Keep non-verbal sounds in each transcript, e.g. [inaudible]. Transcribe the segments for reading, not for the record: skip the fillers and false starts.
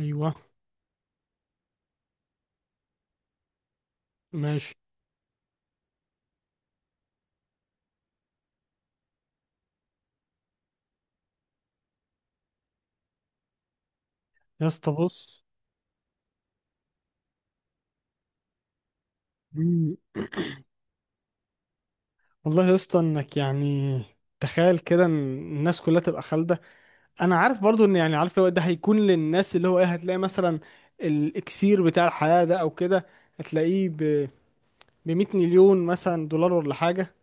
ايوه، ماشي يا اسطى. بص. مم. [clears throat] والله يا اسطى، انك يعني تخيل كده ان الناس كلها تبقى خالده. انا عارف برضو ان يعني عارف، لو ده هيكون للناس، اللي هو ايه، هتلاقي مثلا الاكسير بتاع الحياه ده او كده، هتلاقيه ب 100 مليون مثلا دولار ولا حاجه.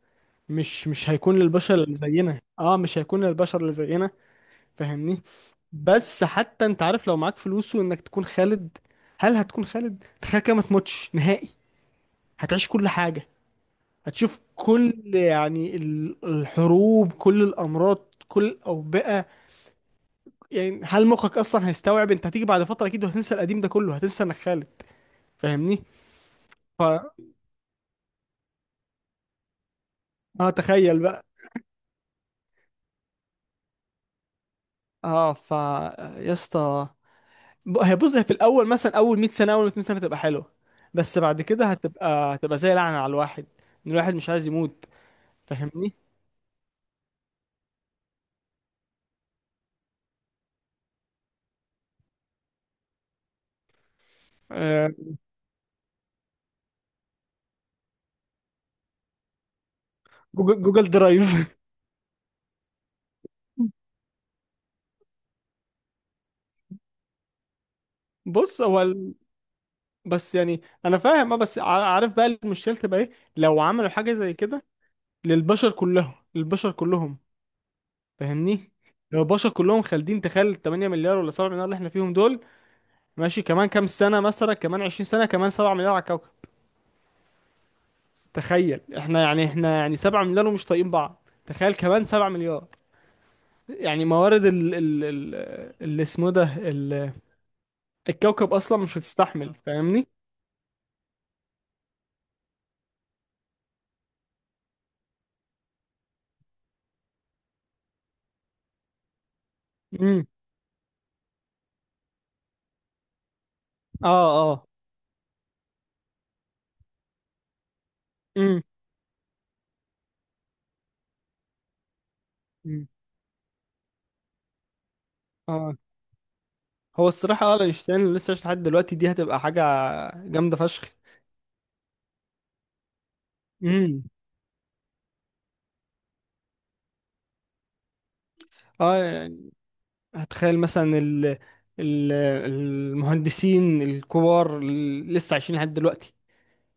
مش هيكون للبشر اللي زينا. اه، مش هيكون للبشر اللي زينا، فاهمني؟ بس حتى انت عارف، لو معاك فلوس وانك تكون خالد، هل هتكون خالد؟ تخيل كده ما تموتش نهائي. هتعيش كل حاجه، هتشوف كل يعني الحروب، كل الامراض، كل الاوبئه. يعني هل مخك اصلا هيستوعب؟ انت هتيجي بعد فتره اكيد وهتنسى القديم ده كله، هتنسى انك خالد، فاهمني؟ ف اه تخيل بقى. اه ف يا اسطى، هي بص، هي في الاول مثلا اول 100 سنه، اول 200 سنه، هتبقى حلوه. بس بعد كده هتبقى، زي لعنه على الواحد، ان الواحد مش عايز يموت، فاهمني؟ آه. جوجل، جوجل درايف. [laughs] بص هو، بس يعني انا فاهم. اه بس عارف بقى المشكله تبقى ايه؟ لو عملوا حاجه زي كده للبشر كلهم، للبشر كلهم، فاهمني؟ لو البشر كلهم خالدين، تخيل 8 مليار ولا 7 مليار اللي احنا فيهم دول. ماشي، كمان كام سنه، مثلا كمان 20 سنه، كمان 7 مليار على الكوكب. تخيل احنا يعني، احنا يعني 7 مليار ومش طايقين بعض، تخيل كمان 7 مليار. يعني موارد ال اللي اسمه ده الكوكب اصلا مش هتستحمل، فاهمني؟ امم. اه، اه. امم. هو الصراحة، اه، اينشتاين لسه عايش لحد دلوقتي، دي هتبقى حاجة جامدة فشخ. امم. اه يعني هتخيل مثلا ال المهندسين الكبار اللي لسه عايشين لحد دلوقتي،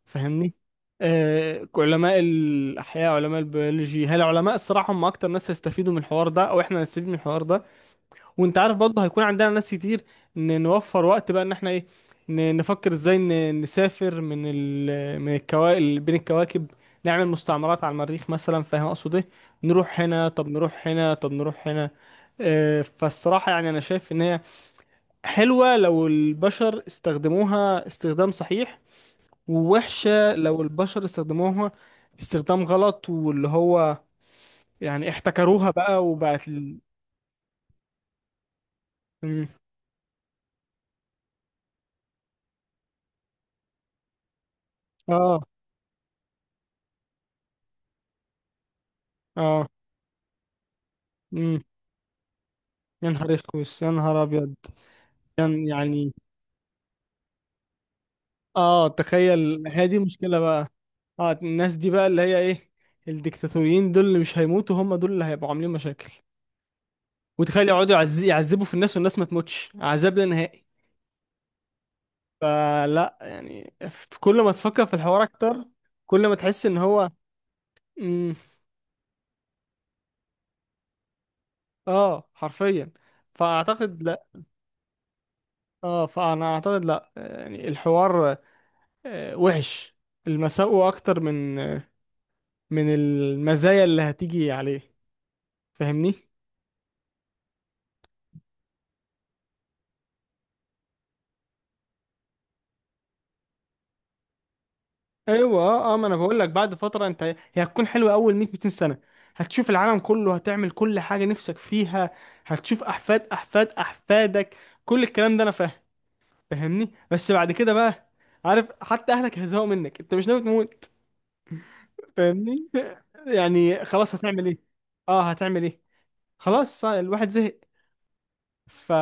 فاهمني؟ آه، علماء الأحياء، علماء البيولوجي، هل علماء الصراحة هم أكتر ناس هيستفيدوا من الحوار ده، أو إحنا هنستفيد من الحوار ده. وانت عارف برضه هيكون عندنا ناس كتير نوفر وقت بقى، ان احنا ايه، نفكر ازاي نسافر من من الكواكب، بين الكواكب، نعمل مستعمرات على المريخ مثلا، فاهم اقصد ايه؟ نروح هنا، طب نروح هنا، طب نروح هنا. آه، فالصراحة يعني انا شايف ان هي حلوة لو البشر استخدموها استخدام صحيح، ووحشة لو البشر استخدموها استخدام غلط، واللي هو يعني احتكروها بقى، وبقت ال... مم. اه، اه. مم. يا نهار يخوس، يا نهار ابيض. يعني، يعني اه، تخيل، هي دي مشكلة بقى. اه، الناس دي بقى اللي هي ايه، الديكتاتوريين دول اللي مش هيموتوا، هم دول اللي هيبقوا عاملين مشاكل. وتخيل يقعدوا يعذبوا في الناس، والناس ما تموتش، عذاب لا نهائي. فلا يعني، في كل ما تفكر في الحوار اكتر، كل ما تحس ان هو. مم. اه حرفيا. فاعتقد لا، اه فانا اعتقد لا يعني الحوار، آه، وحش. المساوئ اكتر من، من المزايا اللي هتيجي عليه، فاهمني؟ ايوه، اه، اه، ما انا بقول لك، بعد فتره انت هي هتكون حلوه اول 100، 200 سنه. هتشوف العالم كله، هتعمل كل حاجه نفسك فيها، هتشوف احفاد احفاد احفادك، كل الكلام ده انا فاهم، فاهمني؟ بس بعد كده بقى، عارف حتى اهلك هيزهقوا منك، انت مش ناوي تموت، فاهمني؟ [laughs] يعني خلاص، هتعمل ايه؟ اه هتعمل ايه؟ خلاص الواحد زهق. ف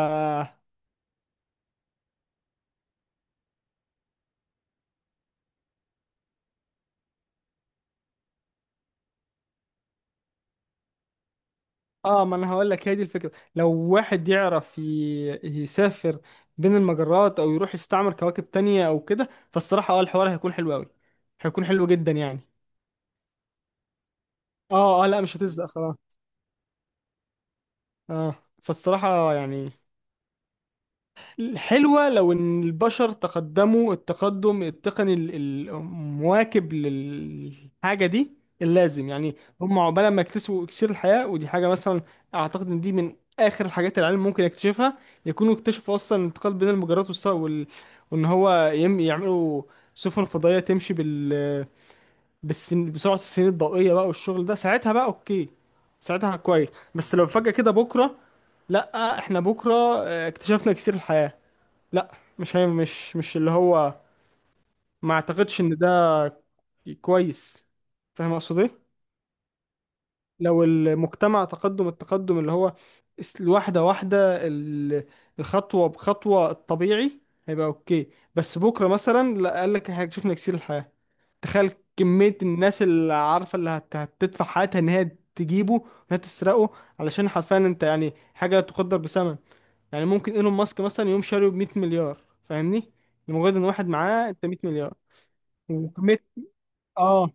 اه، ما انا هقول لك، هي دي الفكره، لو واحد يعرف يسافر بين المجرات، او يروح يستعمر كواكب تانية او كده، فالصراحه اه الحوار هيكون حلو قوي، هيكون حلو جدا يعني. اه، اه، لا مش هتزهق خلاص. اه، فالصراحه يعني، حلوة لو إن البشر تقدموا التقدم التقني المواكب للحاجة دي اللازم يعني. هم عقبال ما يكتسبوا إكسير الحياة، ودي حاجة مثلا أعتقد إن دي من آخر الحاجات اللي العلم ممكن يكتشفها. يكونوا اكتشفوا أصلا الانتقال بين المجرات، وال... وإن هو يعملوا سفن فضائية تمشي بال... بسرعة السنين الضوئية بقى، والشغل ده ساعتها بقى أوكي، ساعتها كويس. بس لو فجأة كده بكرة، لأ، إحنا بكرة آه، اكتشفنا إكسير الحياة، لا. مش هي مش مش اللي هو، ما اعتقدش ان ده كويس. فاهم اقصد ايه؟ لو المجتمع تقدم التقدم اللي هو واحده واحده الخطوه بخطوه الطبيعي، هيبقى اوكي. بس بكره مثلا لا قال لك احنا اكتشفنا كثير الحياه، تخيل كميه الناس اللي عارفه، اللي هتدفع حياتها ان هي تجيبه، ان هي تسرقه، علشان حرفيا انت يعني حاجه لا تقدر بثمن. يعني ممكن ايلون ماسك مثلا يقوم شاريه ب 100 مليار، فاهمني؟ لمجرد ان واحد معاه انت 100 مليار. وكمية، اه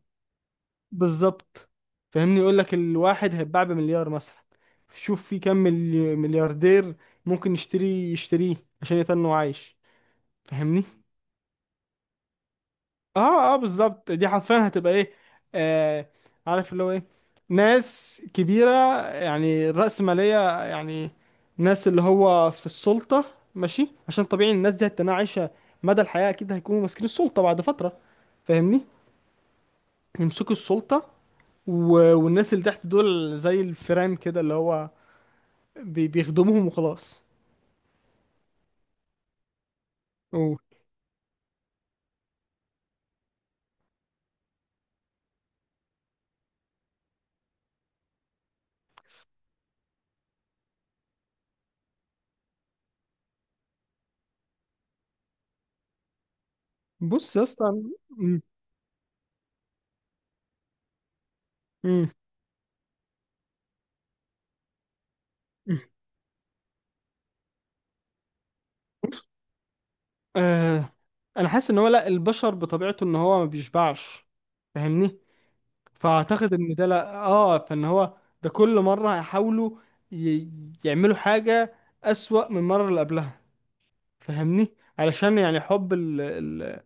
بالظبط، فاهمني. يقول لك الواحد هيتباع بمليار مثلا، شوف في كم ملياردير ممكن يشتري يشتريه عشان يتنه عايش، فاهمني؟ اه، اه، بالظبط، دي حرفيا هتبقى ايه، آه. عارف اللي هو ايه، ناس كبيرة يعني، رأسمالية يعني، ناس اللي هو في السلطة. ماشي عشان طبيعي الناس دي هتكون عايشة مدى الحياة، أكيد هيكونوا ماسكين السلطة بعد فترة، فاهمني؟ يمسكوا السلطة، و... والناس اللي تحت دول زي الفيران كده، اللي هو بيخدموهم وخلاص. أوه. بص يا اسطى، مم. مم. [laughs] آه. انا حاسس ان هو لا، البشر بطبيعته ان هو ما بيشبعش، فاهمني؟ فاعتقد ان ده لا، اه، فان هو ده كل مره هيحاولوا ي... يعملوا حاجه اسوأ من المره اللي قبلها، فاهمني؟ علشان يعني حب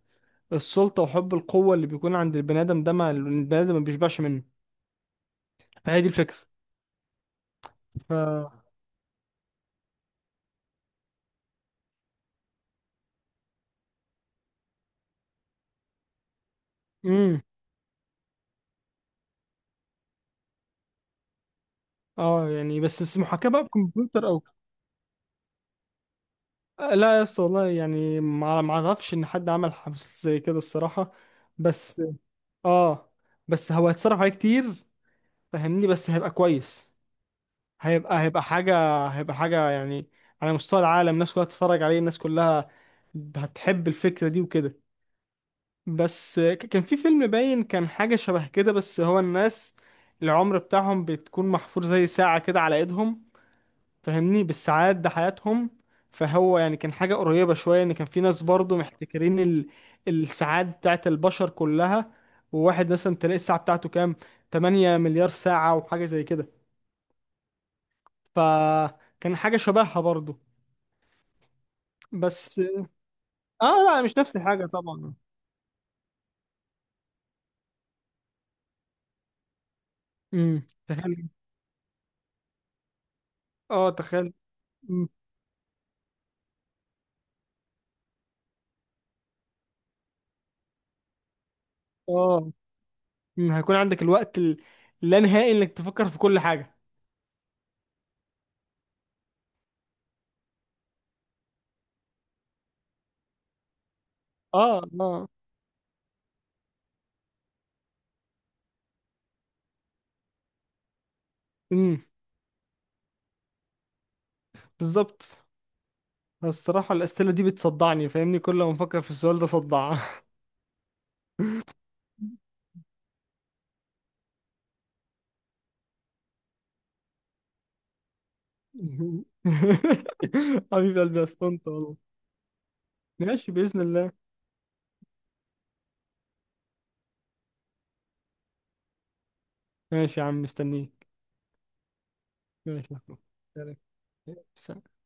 السلطه وحب القوه اللي بيكون عند البني ادم ده، ما البني ادم ما بيشبعش منه. فهي دي الفكره. ف امم، اه يعني، بس محاكاه بقى بكمبيوتر او. آه، لا يا اسطى والله، يعني ما اعرفش ان حد عمل حاجه زي كده الصراحه. بس اه، بس هو هيتصرف عليه كتير، فاهمني؟ بس هيبقى كويس، هيبقى، حاجة، هيبقى حاجة يعني، على مستوى العالم الناس كلها تتفرج عليه، الناس كلها هتحب الفكرة دي وكده. بس كان في فيلم باين، كان حاجة شبه كده، بس هو الناس العمر بتاعهم بتكون محفور زي ساعة كده على ايدهم، فاهمني؟ بالساعات ده حياتهم. فهو يعني كان حاجة قريبة شوية، ان كان في ناس برضو محتكرين ال... الساعات بتاعت البشر كلها. وواحد مثلا تلاقي الساعة بتاعته كام، 8 مليار ساعة وحاجة زي كده. فكان حاجة شبهها برضو. بس اه، لا مش نفس الحاجة طبعا. امم، تخيل. اه تخيل. مم. اه. مم. هيكون عندك الوقت اللا نهائي انك تفكر في كل حاجة. اه، اه. امم، بالظبط. الصراحة الأسئلة دي بتصدعني، فاهمني؟ كل ما أفكر في السؤال ده صدع. [laughs] حبيب قلبي يا اسطنت والله. ماشي بإذن الله. ماشي يا عم، مستنيك. ماشي يا أخوي. سلام. سلام.